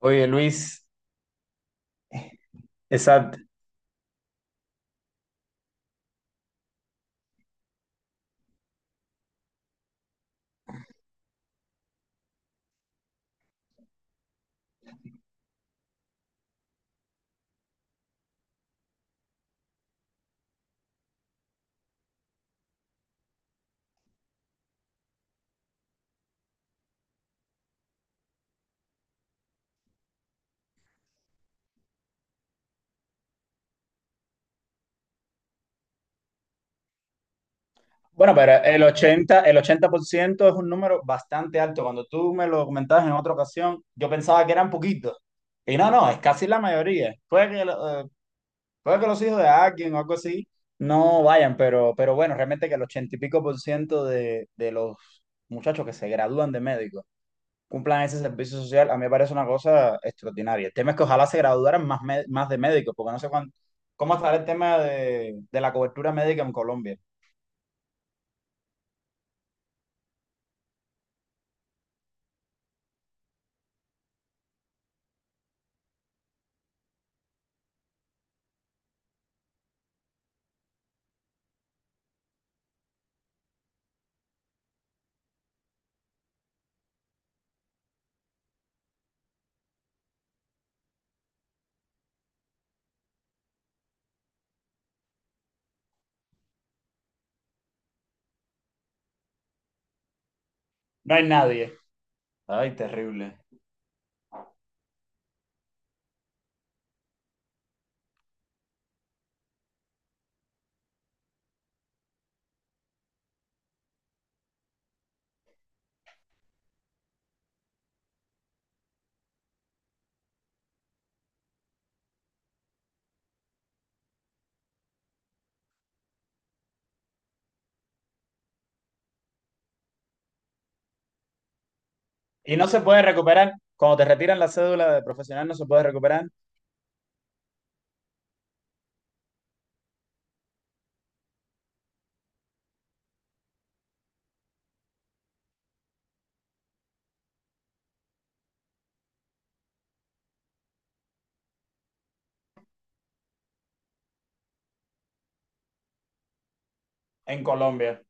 Oye, Luis, exacto. Bueno, pero el 80% es un número bastante alto. Cuando tú me lo comentabas en otra ocasión, yo pensaba que eran poquitos. Y no, no, es casi la mayoría. Puede que los hijos de alguien o algo así no vayan, pero bueno, realmente que el 80 y pico por ciento de los muchachos que se gradúan de médico cumplan ese servicio social, a mí me parece una cosa extraordinaria. El tema es que ojalá se graduaran más, más de médicos, porque no sé cómo estará el tema de, la cobertura médica en Colombia. No hay nadie. Ay, terrible. Y no se puede recuperar. Cuando te retiran la cédula de profesional, no se puede recuperar en Colombia.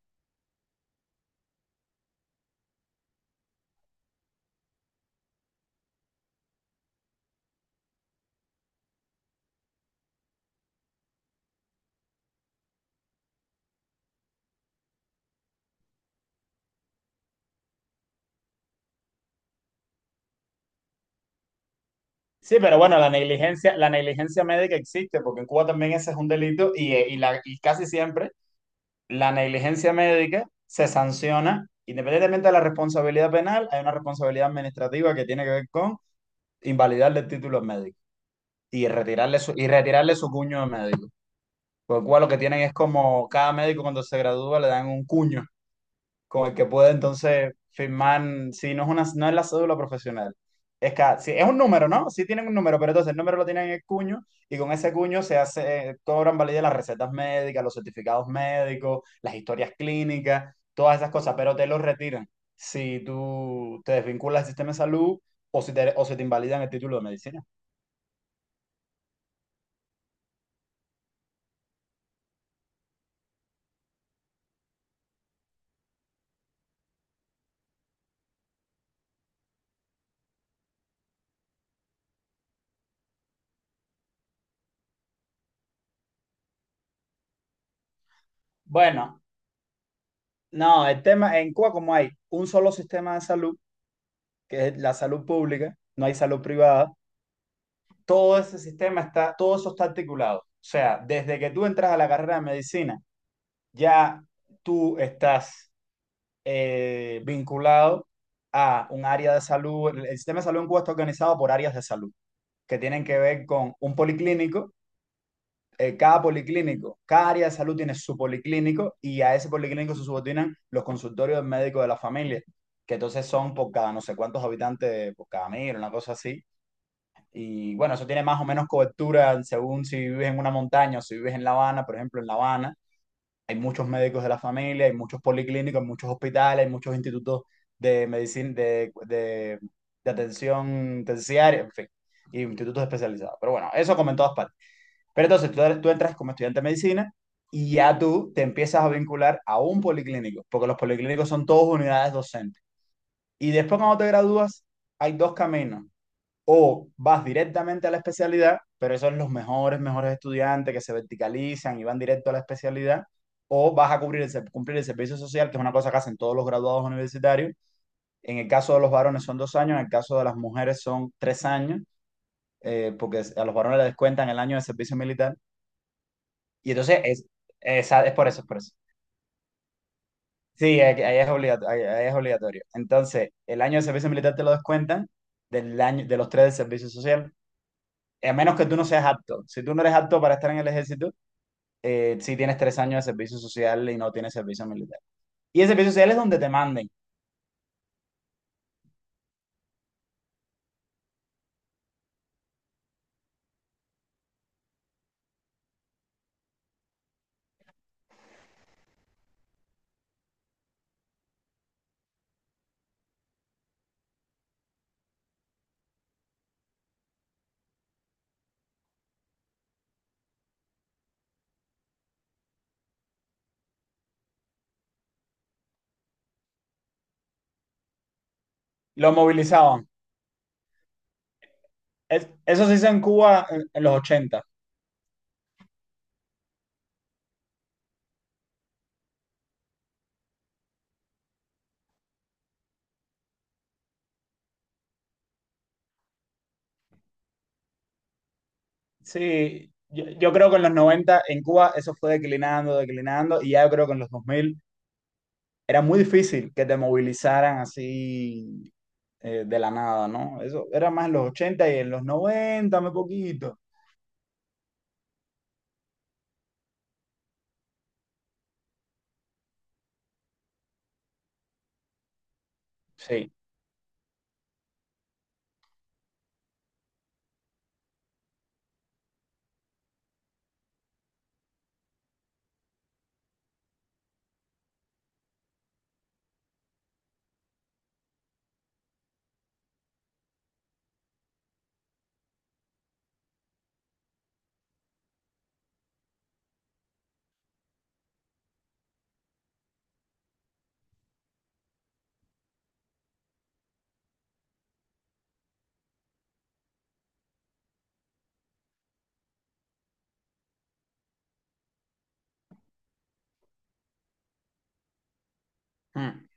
Sí, pero bueno, la negligencia médica existe, porque en Cuba también ese es un delito y casi siempre la negligencia médica se sanciona independientemente de la responsabilidad penal, hay una responsabilidad administrativa que tiene que ver con invalidarle el título al médico y retirarle su cuño de médico. Por lo cual lo que tienen es como cada médico cuando se gradúa le dan un cuño con el que puede entonces firmar, si no es una, no es la cédula profesional. Es que sí, es un número, ¿no? Sí tienen un número, pero entonces el número lo tienen en el cuño y con ese cuño se hace, cobran validez las recetas médicas, los certificados médicos, las historias clínicas, todas esas cosas, pero te lo retiran si tú te desvinculas del sistema de salud o si te, invalidan el título de medicina. Bueno, no, el tema en Cuba como hay un solo sistema de salud, que es la salud pública, no hay salud privada, todo eso está articulado. O sea, desde que tú entras a la carrera de medicina, ya tú estás vinculado a un área de salud. El sistema de salud en Cuba está organizado por áreas de salud, que tienen que ver con un policlínico. Cada policlínico, cada área de salud tiene su policlínico y a ese policlínico se subordinan los consultorios médicos de la familia, que entonces son por cada no sé cuántos habitantes, por cada mil, una cosa así y bueno, eso tiene más o menos cobertura según si vives en una montaña o si vives en La Habana, por ejemplo, en La Habana. Hay muchos médicos de la familia, hay muchos policlínicos, hay muchos hospitales, hay muchos institutos de medicina, de atención terciaria, en fin, y institutos especializados. Pero bueno, eso como en todas partes. Pero entonces tú entras como estudiante de medicina y ya tú te empiezas a vincular a un policlínico, porque los policlínicos son todos unidades docentes. Y después cuando te gradúas, hay dos caminos o vas directamente a la especialidad, pero esos son los mejores, mejores estudiantes que se verticalizan y van directo a la especialidad, o vas a cubrir el cumplir el servicio social, que es una cosa que hacen todos los graduados universitarios. En el caso de los varones son 2 años, en el caso de las mujeres son 3 años, porque a los varones les descuentan el año de servicio militar. Y entonces es, es por eso, es por eso. Sí, ahí es obligatorio, ahí es obligatorio. Entonces, el año de servicio militar te lo descuentan del año, de los tres del servicio social. A menos que tú no seas apto. Si tú no eres apto para estar en el ejército, sí tienes 3 años de servicio social y no tienes servicio militar. Y el servicio social es donde te manden. Lo movilizaban. Eso se hizo en Cuba en los 80. Sí, yo creo que en los 90 en Cuba eso fue declinando, declinando, y ya yo creo que en los 2000 era muy difícil que te movilizaran así de la nada, ¿no? Eso era más en los 80 y en los 90 muy poquito. Sí. Mm.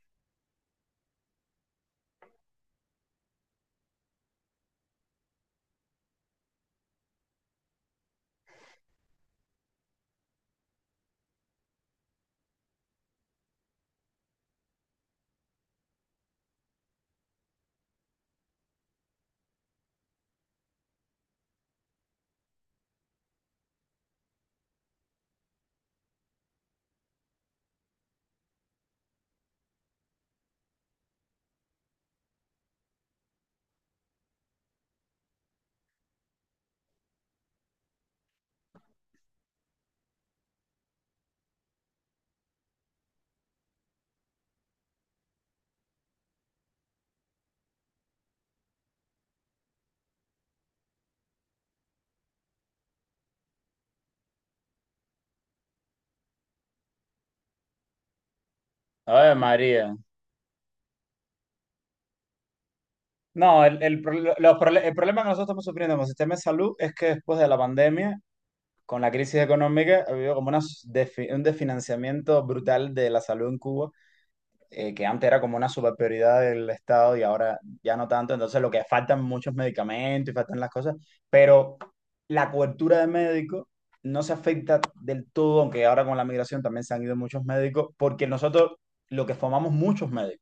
Ay, María. No, el problema que nosotros estamos sufriendo con el sistema de salud es que después de la pandemia, con la crisis económica, ha habido como un desfinanciamiento brutal de la salud en Cuba, que antes era como una super prioridad del Estado y ahora ya no tanto. Entonces, lo que faltan muchos medicamentos y faltan las cosas, pero la cobertura de médicos no se afecta del todo, aunque ahora con la migración también se han ido muchos médicos, porque nosotros lo que formamos muchos médicos.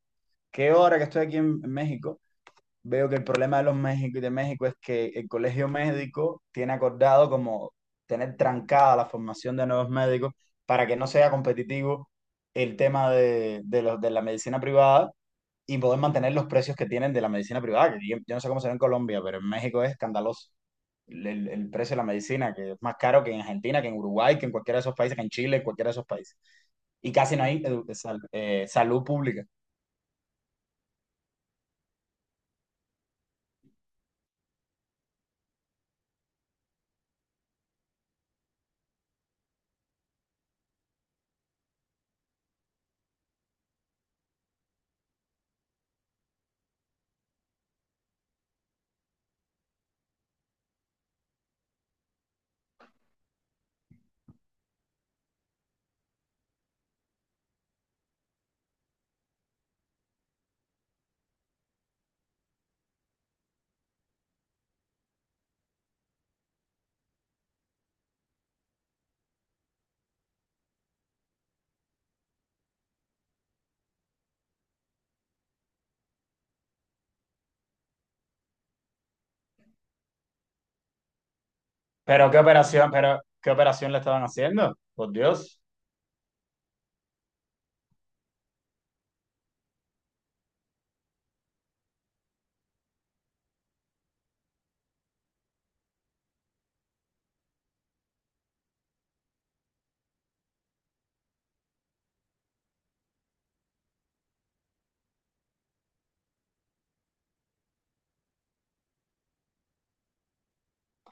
Que ahora que estoy aquí en México veo que el problema de los México y de México es que el colegio médico tiene acordado como tener trancada la formación de nuevos médicos para que no sea competitivo el tema de, de la medicina privada y poder mantener los precios que tienen de la medicina privada, que yo no sé cómo será en Colombia, pero en México es escandaloso el, el precio de la medicina, que es más caro que en Argentina, que en Uruguay, que en cualquiera de esos países, que en Chile, en cualquiera de esos países. Y casi no hay salud pública. Pero qué operación le estaban haciendo, por Dios.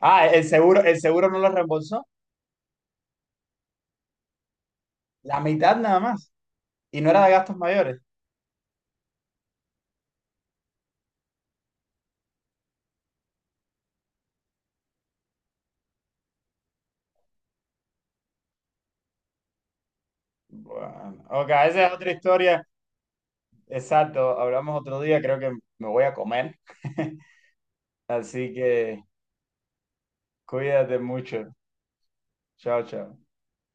Ah, el seguro, no lo reembolsó, la mitad nada más, y no era de gastos mayores. Bueno, ok, esa es otra historia. Exacto, hablamos otro día, creo que me voy a comer. Así que cuídate mucho. Chao, chao.